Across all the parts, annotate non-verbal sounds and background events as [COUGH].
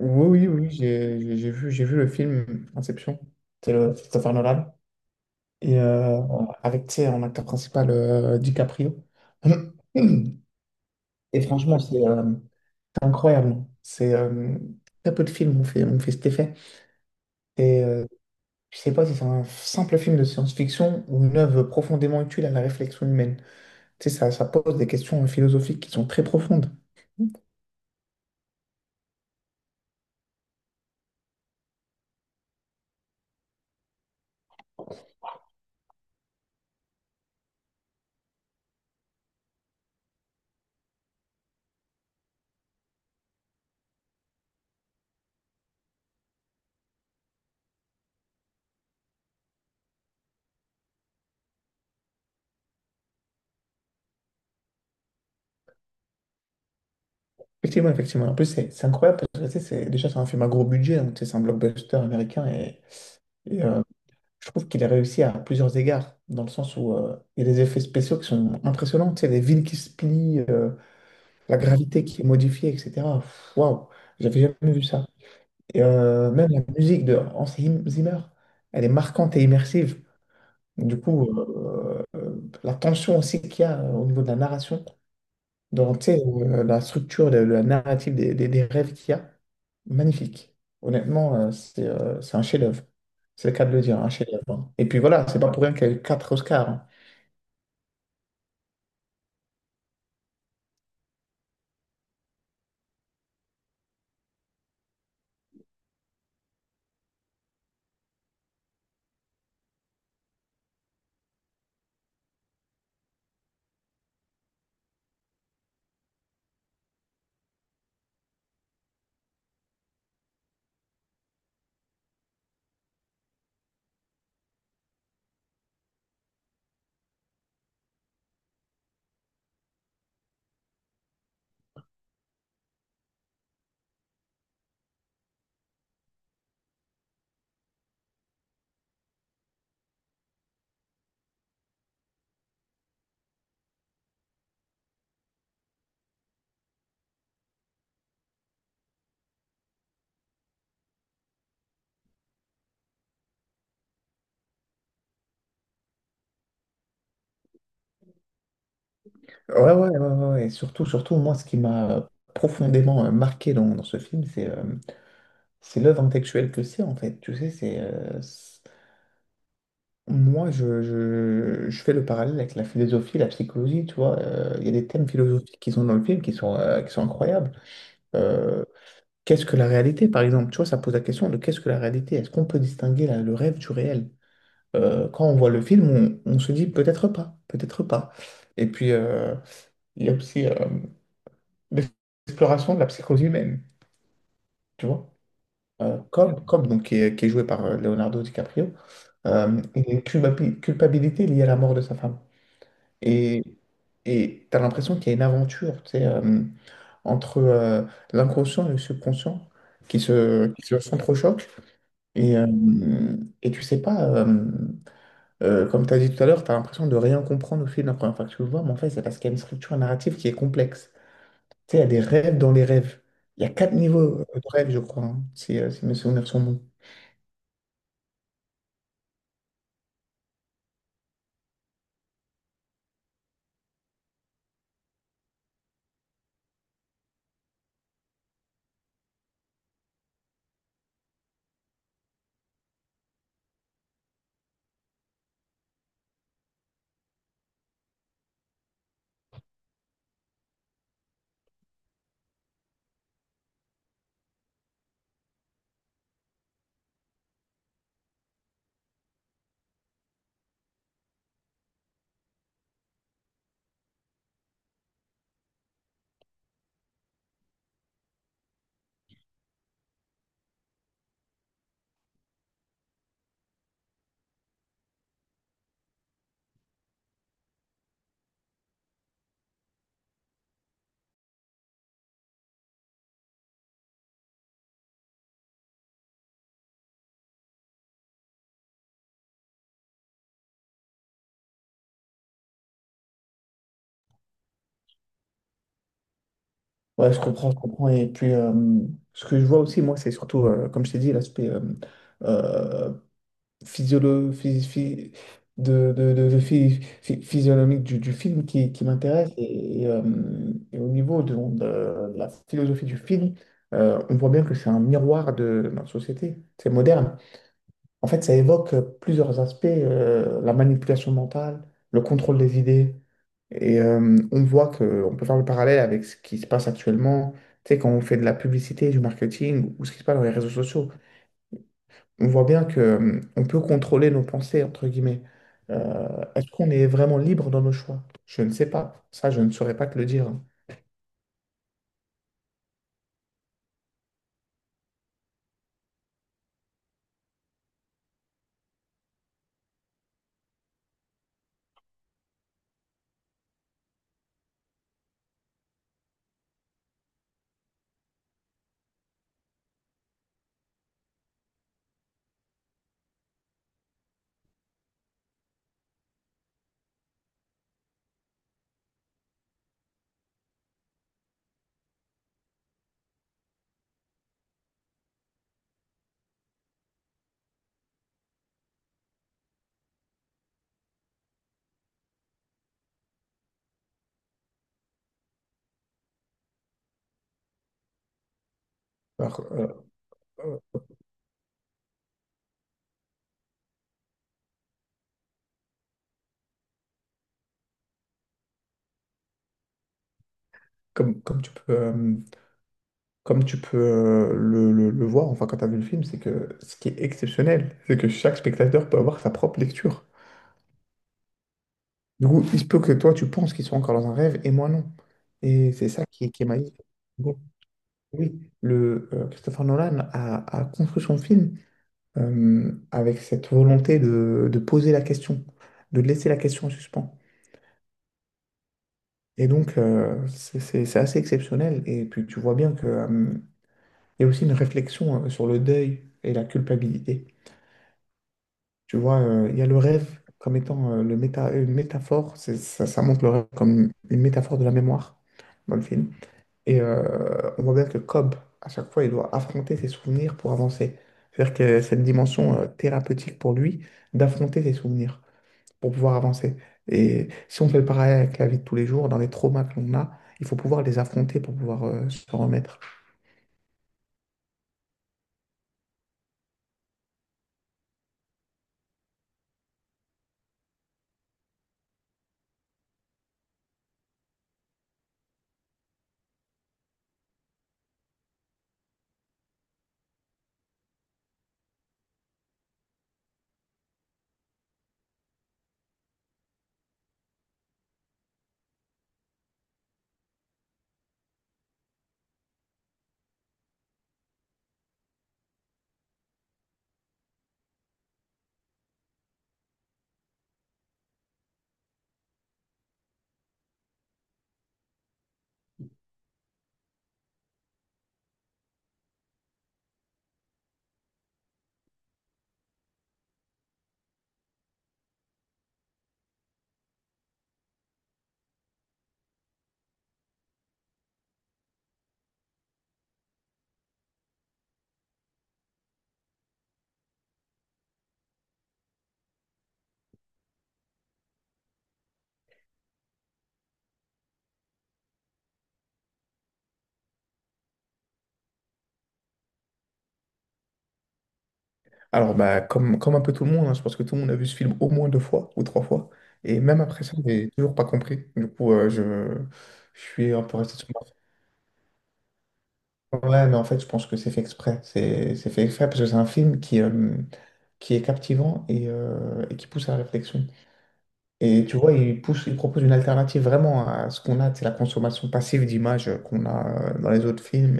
Oui, oui, oui, oui, j'ai vu le film Inception, c'est le Christopher Nolan, et avec, tu sais, en acteur principal, DiCaprio. [CLEARS THROAT] Et franchement, c'est incroyable. C'est très peu de films ont fait cet effet. Et je sais pas si c'est un simple film de science-fiction ou une œuvre profondément utile à la réflexion humaine. Tu sais, ça pose des questions philosophiques qui sont très profondes. Effectivement, effectivement. En plus, c'est incroyable parce que tu sais, déjà, c'est un film à gros budget, donc tu sais, c'est un blockbuster américain et je trouve qu'il a réussi à plusieurs égards, dans le sens où il y a des effets spéciaux qui sont impressionnants. Tu sais, les villes qui se plient, la gravité qui est modifiée, etc. Pff, waouh, j'avais jamais vu ça. Et même la musique de Hans Zimmer, elle est marquante et immersive. Du coup, la tension aussi qu'il y a au niveau de la narration, donc, tu sais, la structure, la, narrative des rêves qu'il y a, magnifique. Honnêtement, c'est un chef-d'œuvre. C'est le cas de le dire, un chef-d'œuvre, hein. Et puis voilà, c'est pas pour rien qu'il y a eu quatre Oscars, hein. Ouais, ouais, ouais, ouais. Ouais. Et surtout, surtout, moi, ce qui m'a profondément marqué dans ce film, c'est l'œuvre intellectuelle que c'est, en fait. Tu sais, moi, je fais le parallèle avec la philosophie, la psychologie, tu vois. Il y a des thèmes philosophiques qui sont dans le film qui sont incroyables. Euh, Qu'est-ce que la réalité, par exemple? Tu vois, ça pose la question de qu'est-ce que la réalité? Est-ce qu'on peut distinguer le rêve du réel? Quand on voit le film, on se dit peut-être pas, peut-être pas. Et puis, il y a aussi l'exploration de la psychose humaine, tu vois. Cobb, donc, qui est joué par Leonardo DiCaprio, il a une culpabilité liée à la mort de sa femme. Et et tu as l'impression qu'il y a une aventure, tu sais, entre l'inconscient et le subconscient qui se. Et, euh, et tu sais pas, comme tu as dit tout à l'heure, tu as l'impression de rien comprendre au fil de la première fois que tu le vois, mais en fait, c'est parce qu'il y a une structure narrative qui est complexe. Tu sais, il y a des rêves dans les rêves. Il y a quatre niveaux de rêves, je crois, hein, si mes souvenirs sont bons. Ouais, je comprends, je comprends. Et puis, ce que je vois aussi, moi, c'est surtout, comme je t'ai dit, l'aspect euh, physiolo- phy- phy- de physionomique du film qui m'intéresse. Et au niveau de la philosophie du film, on voit bien que c'est un miroir de notre société. C'est moderne. En fait, ça évoque plusieurs aspects, la manipulation mentale, le contrôle des idées. Et on voit que on peut faire le parallèle avec ce qui se passe actuellement, tu sais, quand on fait de la publicité, du marketing ou ce qui se passe dans les réseaux sociaux. On voit bien que on peut contrôler nos pensées, entre guillemets. Euh, est-ce qu'on est vraiment libre dans nos choix? Je ne sais pas. Ça, je ne saurais pas te le dire, hein. Alors, euh, comme, comme tu peux, euh, comme tu peux le voir, enfin, quand tu as vu le film, c'est que ce qui est exceptionnel, c'est que chaque spectateur peut avoir sa propre lecture. Du coup, il se peut que toi, tu penses qu'ils sont encore dans un rêve et moi, non. Et c'est ça qui est magique. Bon, oui, Christopher Nolan a construit son film, avec cette volonté de poser la question, de laisser la question en suspens. Et donc, c'est assez exceptionnel. Et puis, tu vois bien que, il y a aussi une réflexion sur le deuil et la culpabilité. Tu vois, il y a le rêve comme étant une métaphore. Ça, ça montre le rêve comme une métaphore de la mémoire dans le film. Et on voit bien que Cobb, à chaque fois, il doit affronter ses souvenirs pour avancer. C'est-à-dire que cette dimension thérapeutique pour lui, d'affronter ses souvenirs pour pouvoir avancer. Et si on fait le parallèle avec la vie de tous les jours, dans les traumas que l'on a, il faut pouvoir les affronter pour pouvoir se remettre. Alors, bah, comme un peu tout le monde, hein, je pense que tout le monde a vu ce film au moins deux fois ou trois fois. Et même après ça, j'ai toujours pas compris. Du coup, je suis un peu resté sur ma fin. Ouais, mais en fait, je pense que c'est fait exprès. C'est fait exprès parce que c'est un film qui est captivant et qui pousse à la réflexion. Et tu vois, il pousse, il propose une alternative vraiment à ce qu'on a, c'est la consommation passive d'images qu'on a dans les autres films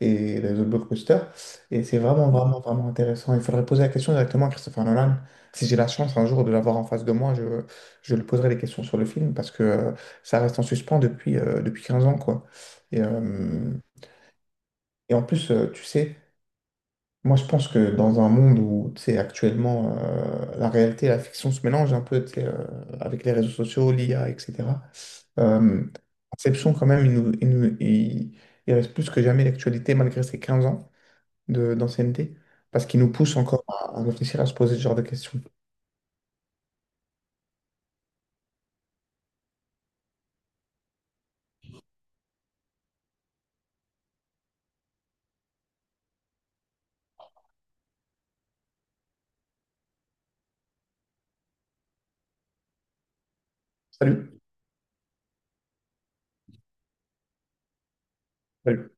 et les autres blockbusters. Et c'est vraiment, vraiment, vraiment intéressant. Il faudrait poser la question directement à Christopher Nolan. Si j'ai la chance un jour de l'avoir en face de moi, je lui poserai des questions sur le film parce que ça reste en suspens depuis 15 ans, quoi. Et, euh, et en plus, tu sais, moi je pense que dans un monde où, tu sais, actuellement, la réalité et la fiction se mélangent un peu, tu sais, avec les réseaux sociaux, l'IA, etc. Euh, Inception, quand même, il reste plus que jamais l'actualité malgré ses 15 ans d'ancienneté, parce qu'il nous pousse encore à réfléchir, à se poser ce genre de questions. Salut! Salut.